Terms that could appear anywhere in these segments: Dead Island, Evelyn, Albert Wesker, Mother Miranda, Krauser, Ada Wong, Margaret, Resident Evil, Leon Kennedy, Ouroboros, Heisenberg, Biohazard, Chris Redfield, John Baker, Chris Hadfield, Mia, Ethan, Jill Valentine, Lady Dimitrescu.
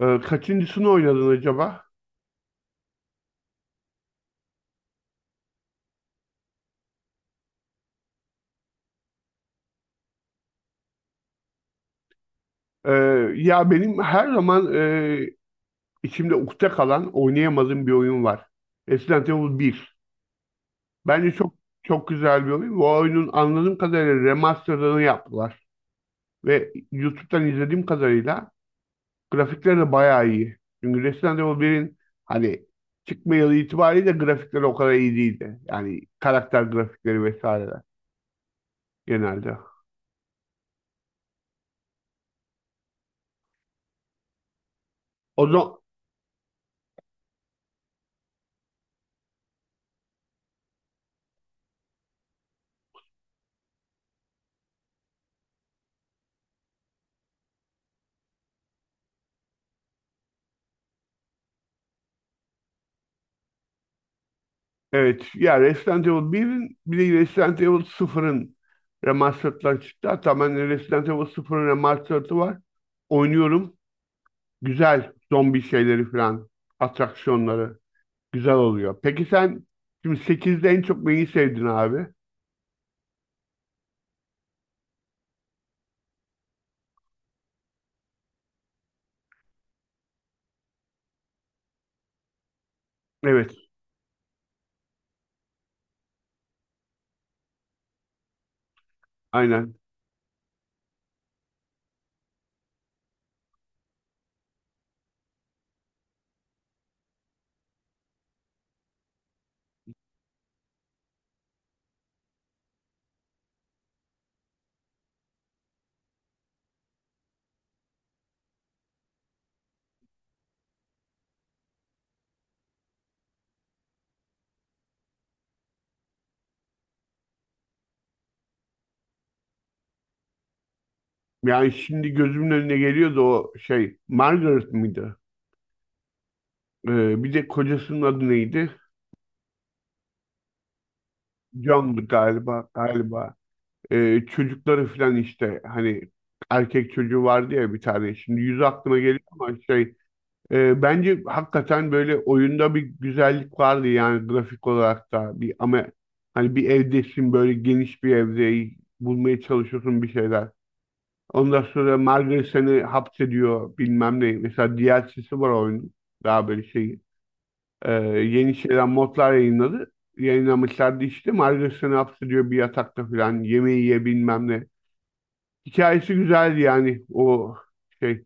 Kaçıncısını oynadın acaba? Ee, ya benim her zaman içimde ukde kalan oynayamadığım bir oyun var. Resident Evil 1. Bence çok çok güzel bir oyun. Bu oyunun anladığım kadarıyla remasterını yaptılar. Ve YouTube'dan izlediğim kadarıyla grafikleri de bayağı iyi. Çünkü Resident Evil 1'in hani çıkma yılı itibariyle grafikleri o kadar iyi değildi. Yani karakter grafikleri vesaireler genelde. O zaman. Evet. Ya Resident Evil 1'in bir de Resident Evil 0'ın remastered'ları çıktı. Hatta ben Resident Evil 0'ın remastered'ı var. Oynuyorum. Güzel. Zombi şeyleri falan. Atraksiyonları. Güzel oluyor. Peki sen şimdi 8'de en çok neyi sevdin abi? Evet. Aynen. Yani şimdi gözümün önüne geliyordu o şey. Margaret mıydı? Bir de kocasının adı neydi? John'du galiba. Galiba. Çocukları falan işte hani erkek çocuğu vardı ya bir tane. Şimdi yüzü aklıma geliyor ama şey bence hakikaten böyle oyunda bir güzellik vardı yani grafik olarak da bir ama hani bir evdesin böyle geniş bir evde bulmaya çalışıyorsun bir şeyler. Ondan sonra Margaret seni hapsediyor bilmem ne. Mesela DLC'si var oyunun. Daha böyle şey yeni şeyler modlar yayınladı. Yayınlamışlardı işte. Margaret seni hapsediyor bir yatakta falan. Yemeği ye bilmem ne. Hikayesi güzeldi yani o şey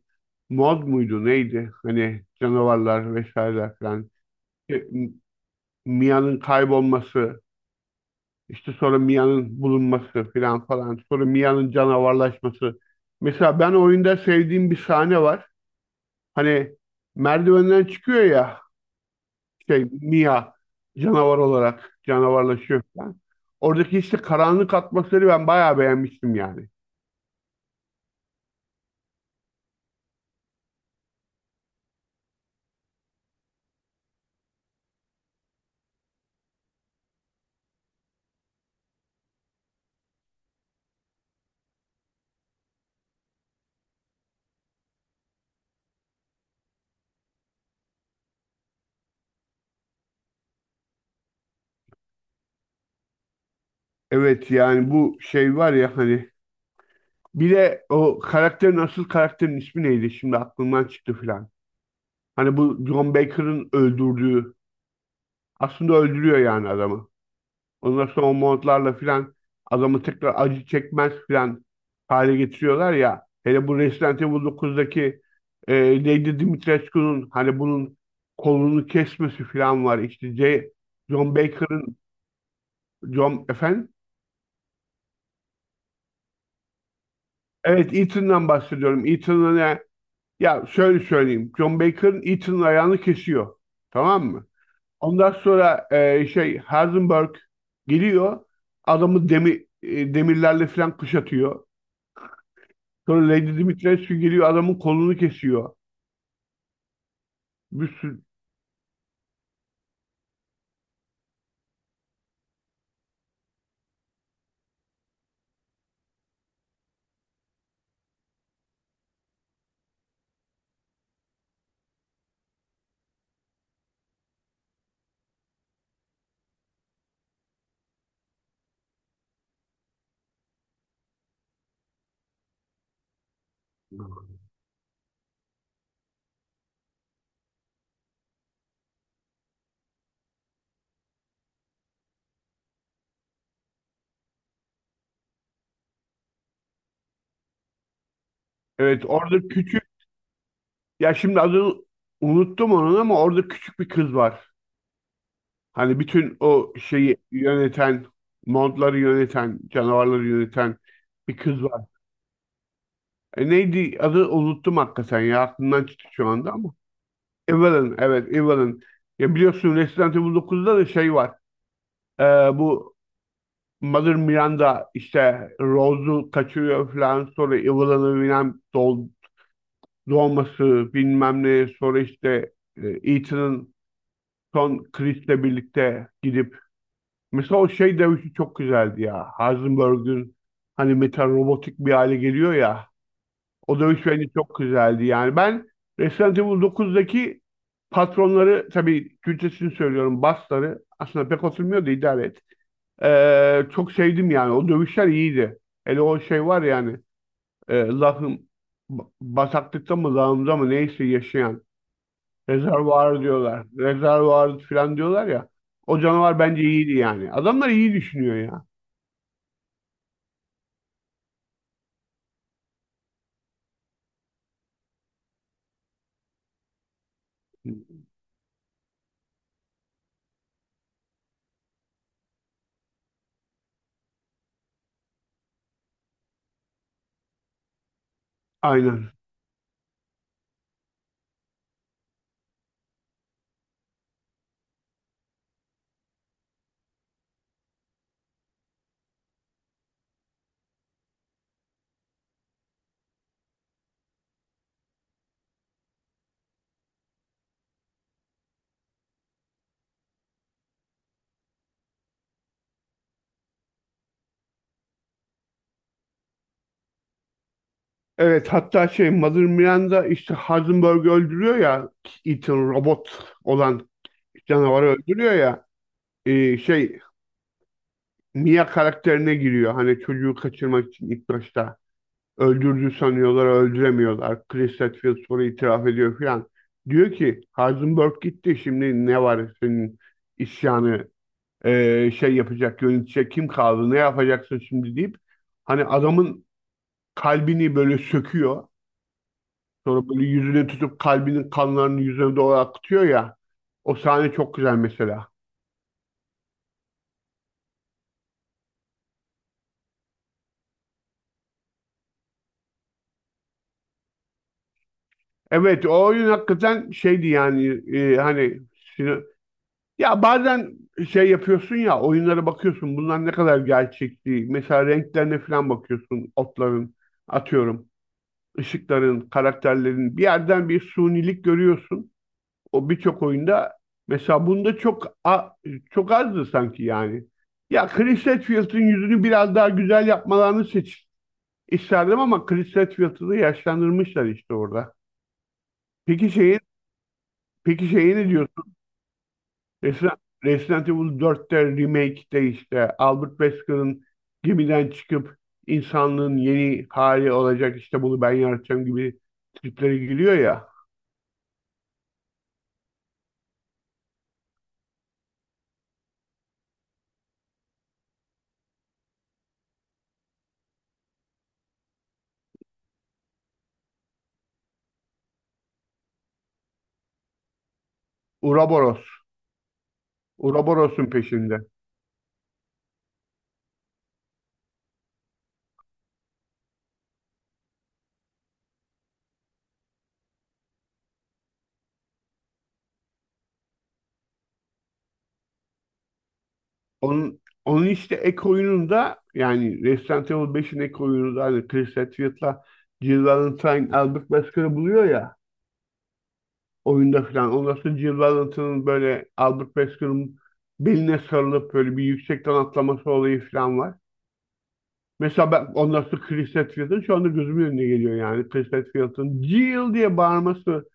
mod muydu neydi? Hani canavarlar vesaireler falan. İşte Mia'nın kaybolması, işte sonra Mia'nın bulunması falan falan. Sonra Mia'nın canavarlaşması. Mesela ben oyunda sevdiğim bir sahne var. Hani merdivenden çıkıyor ya şey Mia canavar olarak canavarlaşıyor falan. Oradaki işte karanlık atmosferi ben bayağı beğenmiştim yani. Evet, yani bu şey var ya hani bir de o karakterin, asıl karakterin ismi neydi? Şimdi aklımdan çıktı filan. Hani bu John Baker'ın öldürdüğü, aslında öldürüyor yani adamı. Ondan sonra o montlarla filan adamı tekrar acı çekmez filan hale getiriyorlar ya. Hele bu Resident Evil 9'daki e, Lady Dimitrescu'nun hani bunun kolunu kesmesi filan var. İşte John Baker'ın. John efendim. Evet, Ethan'dan bahsediyorum. Ya şöyle söyleyeyim. John Baker'ın Eaton'un ayağını kesiyor. Tamam mı? Ondan sonra şey Heisenberg geliyor. Adamı demirlerle falan kuşatıyor. Sonra Lady Dimitrescu geliyor adamın kolunu kesiyor. Bir sürü. Evet, orada küçük. Ya şimdi adını unuttum onun ama orada küçük bir kız var. Hani bütün o şeyi yöneten, montları yöneten, canavarları yöneten bir kız var. Neydi adı unuttum hakikaten ya aklımdan çıktı şu anda ama. Evelyn, evet Evelyn. Ya biliyorsun Resident Evil 9'da da şey var. Ee, bu Mother Miranda işte Rose'u kaçırıyor falan. Sonra Evelyn'ı bilmem doğması bilmem ne. Sonra işte Ethan'ın son Chris'le birlikte gidip. Mesela o şey dövüşü çok güzeldi ya. Heisenberg'ün hani metal robotik bir hale geliyor ya. O dövüş bence çok güzeldi yani. Ben Resident Evil 9'daki patronları, tabii Türkçesini söylüyorum basları aslında pek oturmuyor da idare et. Çok sevdim yani. O dövüşler iyiydi. Hele o şey var yani lahım bataklıkta mı lağımda mı neyse yaşayan rezervuar diyorlar. Rezervuar falan diyorlar ya. O canavar bence iyiydi yani. Adamlar iyi düşünüyor ya. Aynen. Evet, hatta şey Mother Miranda işte Heisenberg'i öldürüyor ya, Ethan robot olan canavarı öldürüyor ya, şey Mia karakterine giriyor. Hani çocuğu kaçırmak için ilk başta öldürdü sanıyorlar, öldüremiyorlar. Chris Redfield sonra itiraf ediyor falan. Diyor ki Heisenberg gitti, şimdi ne var senin isyanı şey yapacak, yönetecek kim kaldı, ne yapacaksın şimdi deyip hani adamın kalbini böyle söküyor. Sonra böyle yüzüne tutup kalbinin kanlarını yüzüne doğru akıtıyor ya. O sahne çok güzel mesela. Evet, o oyun hakikaten şeydi yani hani sino- ya bazen şey yapıyorsun ya oyunlara bakıyorsun bunlar ne kadar gerçekçi. Mesela renklerine falan bakıyorsun otların, atıyorum ışıkların, karakterlerin bir yerden bir sunilik görüyorsun. O birçok oyunda mesela bunda çok azdı sanki yani. Ya Chris Redfield'ın yüzünü biraz daha güzel yapmalarını isterdim ama Chris Redfield'ı da yaşlandırmışlar işte orada. Peki şeyi peki şeyi ne diyorsun? Resident Evil 4'te remake'de işte Albert Wesker'ın gemiden çıkıp insanlığın yeni hali olacak, işte bunu ben yaratacağım gibi triplere giriyor ya. Ouroboros. Ouroboros'un peşinde. Onun işte ek oyununda yani Resident Evil 5'in ek oyununda hani Chris Hadfield'la Jill Valentine Albert Basker'ı buluyor ya oyunda falan. Ondan sonra Jill Valentine'ın böyle Albert Basker'ın beline sarılıp böyle bir yüksekten atlaması olayı falan var. Mesela ben ondan sonra Chris Hadfield'ın şu anda gözümün önüne geliyor yani. Chris Hadfield'ın Jill diye bağırması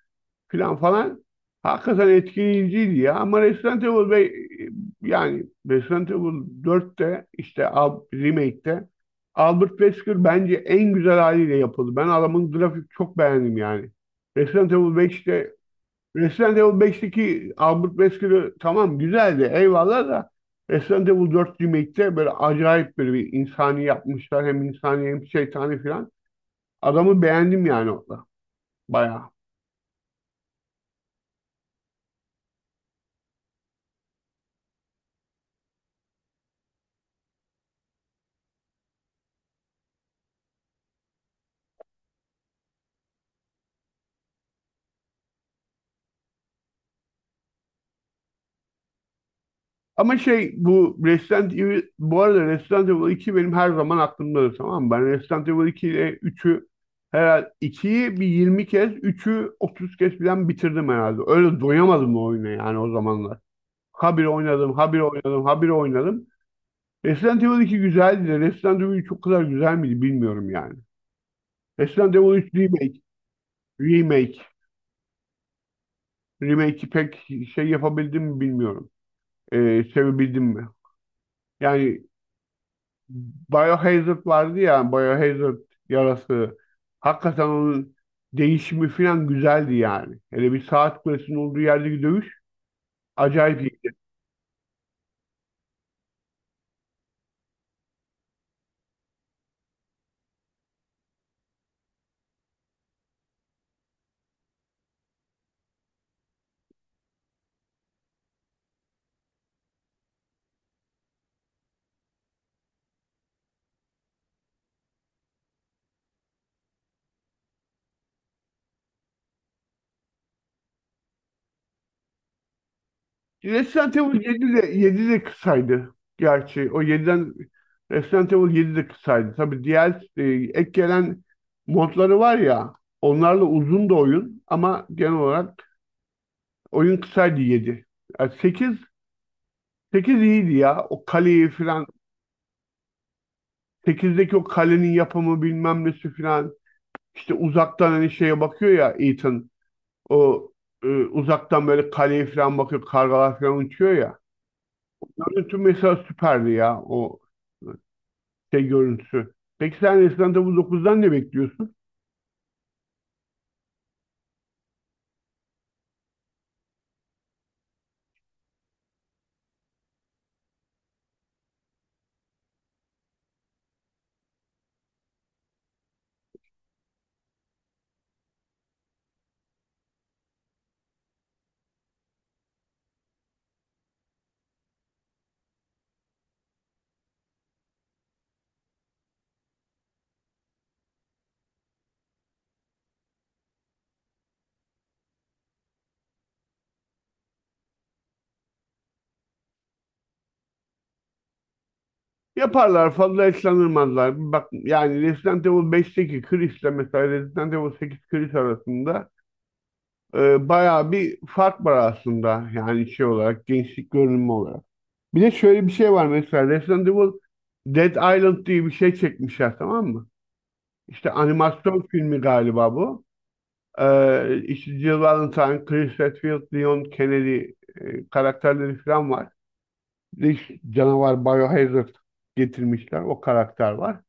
filan falan hakikaten etkileyiciydi ya. Ama Resident Evil ve yani Resident Evil 4'te işte remake'te Albert Wesker bence en güzel haliyle yapıldı. Ben adamın grafik çok beğendim yani. Resident Evil 5'te Resident Evil 5'teki Albert Wesker'ı tamam güzeldi eyvallah da Resident Evil 4 remake'te böyle acayip böyle bir insani yapmışlar. Hem insani hem şeytani filan. Adamı beğendim yani orada. Bayağı. Ama şey bu Resident Evil, bu arada Resident Evil 2 benim her zaman aklımdadır tamam mı? Ben Resident Evil 2 ile 3'ü herhalde 2'yi bir 20 kez, 3'ü 30 kez falan bitirdim herhalde. Öyle doyamadım o oyuna yani o zamanlar. Habire oynadım, habire oynadım, habire oynadım. Resident Evil 2 güzeldi de Resident Evil 3 o kadar güzel miydi bilmiyorum yani. Resident Evil 3 Remake, Remake'i pek şey yapabildim mi bilmiyorum. Sevebildim mi? Yani Biohazard vardı ya, Biohazard yarası. Hakikaten onun değişimi falan güzeldi yani. Hele bir saat kulesinin olduğu yerdeki dövüş acayip iyiydi. Resident Evil 7 de, 7 de kısaydı. Gerçi o yediden Resident Evil 7 de kısaydı. Tabii diğer e, ek gelen modları var ya, onlarla uzun da oyun ama genel olarak oyun kısaydı 7. Yani 8 iyiydi ya. O kaleyi falan 8'deki o kalenin yapımı bilmem nesi filan, işte uzaktan hani şeye bakıyor ya Ethan, o uzaktan böyle kaleye filan bakıyor kargalar filan uçuyor ya. Görüntü mesela süperdi ya o şey görüntüsü. Peki sen Resident Evil 9'dan ne bekliyorsun? Yaparlar fazla eslanırmazlar. Bak yani Resident Evil 5'teki Chris'le mesela Resident Evil 8 Chris arasında bayağı bir fark var aslında. Yani şey olarak, gençlik görünümü olarak. Bir de şöyle bir şey var mesela Resident Evil, Dead Island diye bir şey çekmişler tamam mı? İşte animasyon filmi galiba bu. İşte Jill Valentine, Chris Redfield, Leon Kennedy karakterleri falan var. Bir de işte canavar Biohazard getirmişler. O karakter var.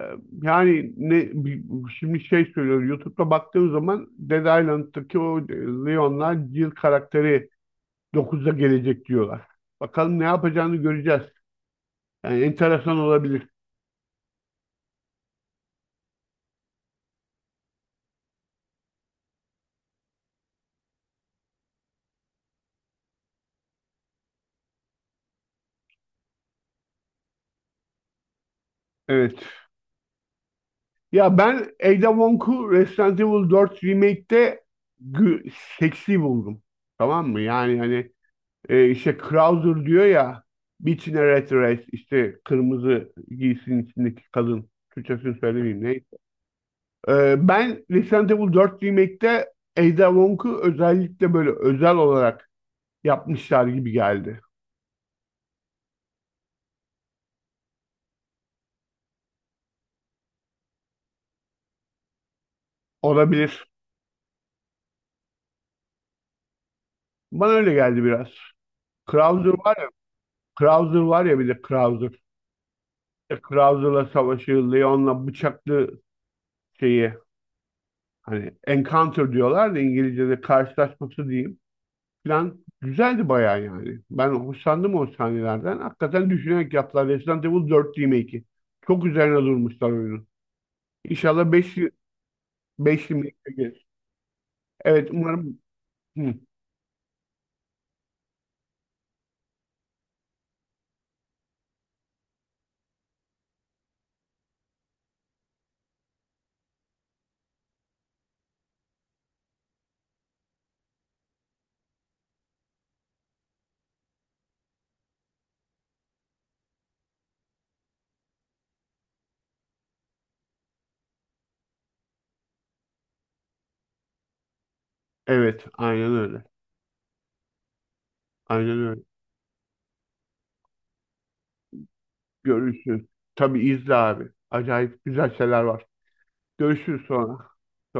Ee, yani şimdi şey söylüyor, YouTube'da baktığım zaman Dead Island'daki o Leon'la Jill karakteri 9'da gelecek diyorlar. Bakalım ne yapacağını göreceğiz. Yani enteresan olabilir. Evet. Ya ben Ada Wong'u Resident Evil 4 Remake'te gü- seksi buldum. Tamam mı? Yani hani işte Krauser diyor ya, Bitch in a Red Dress, işte kırmızı giysinin içindeki kadın. Türkçesini söylemeyeyim neyse. Ben Resident Evil 4 Remake'te Ada Wong'u özellikle böyle özel olarak yapmışlar gibi geldi. Olabilir. Bana öyle geldi biraz. Krauser var ya, Krauser var ya bir de Krauser. İşte Krauser'la savaşı, Leon'la bıçaklı şeyi, hani encounter diyorlar da İngilizce'de, karşılaşması diyeyim. Plan güzeldi bayağı yani. Ben hoşlandım o sahnelerden. Hakikaten düşünerek yaptılar. Resident Evil 4 remake'i. Çok üzerine durmuşlar oyunun. İnşallah 5 remake'e gelir. Evet umarım. Hı, evet aynen öyle. Aynen öyle. Görüşürüz. Tabii izle abi. Acayip güzel şeyler var. Görüşürüz sonra.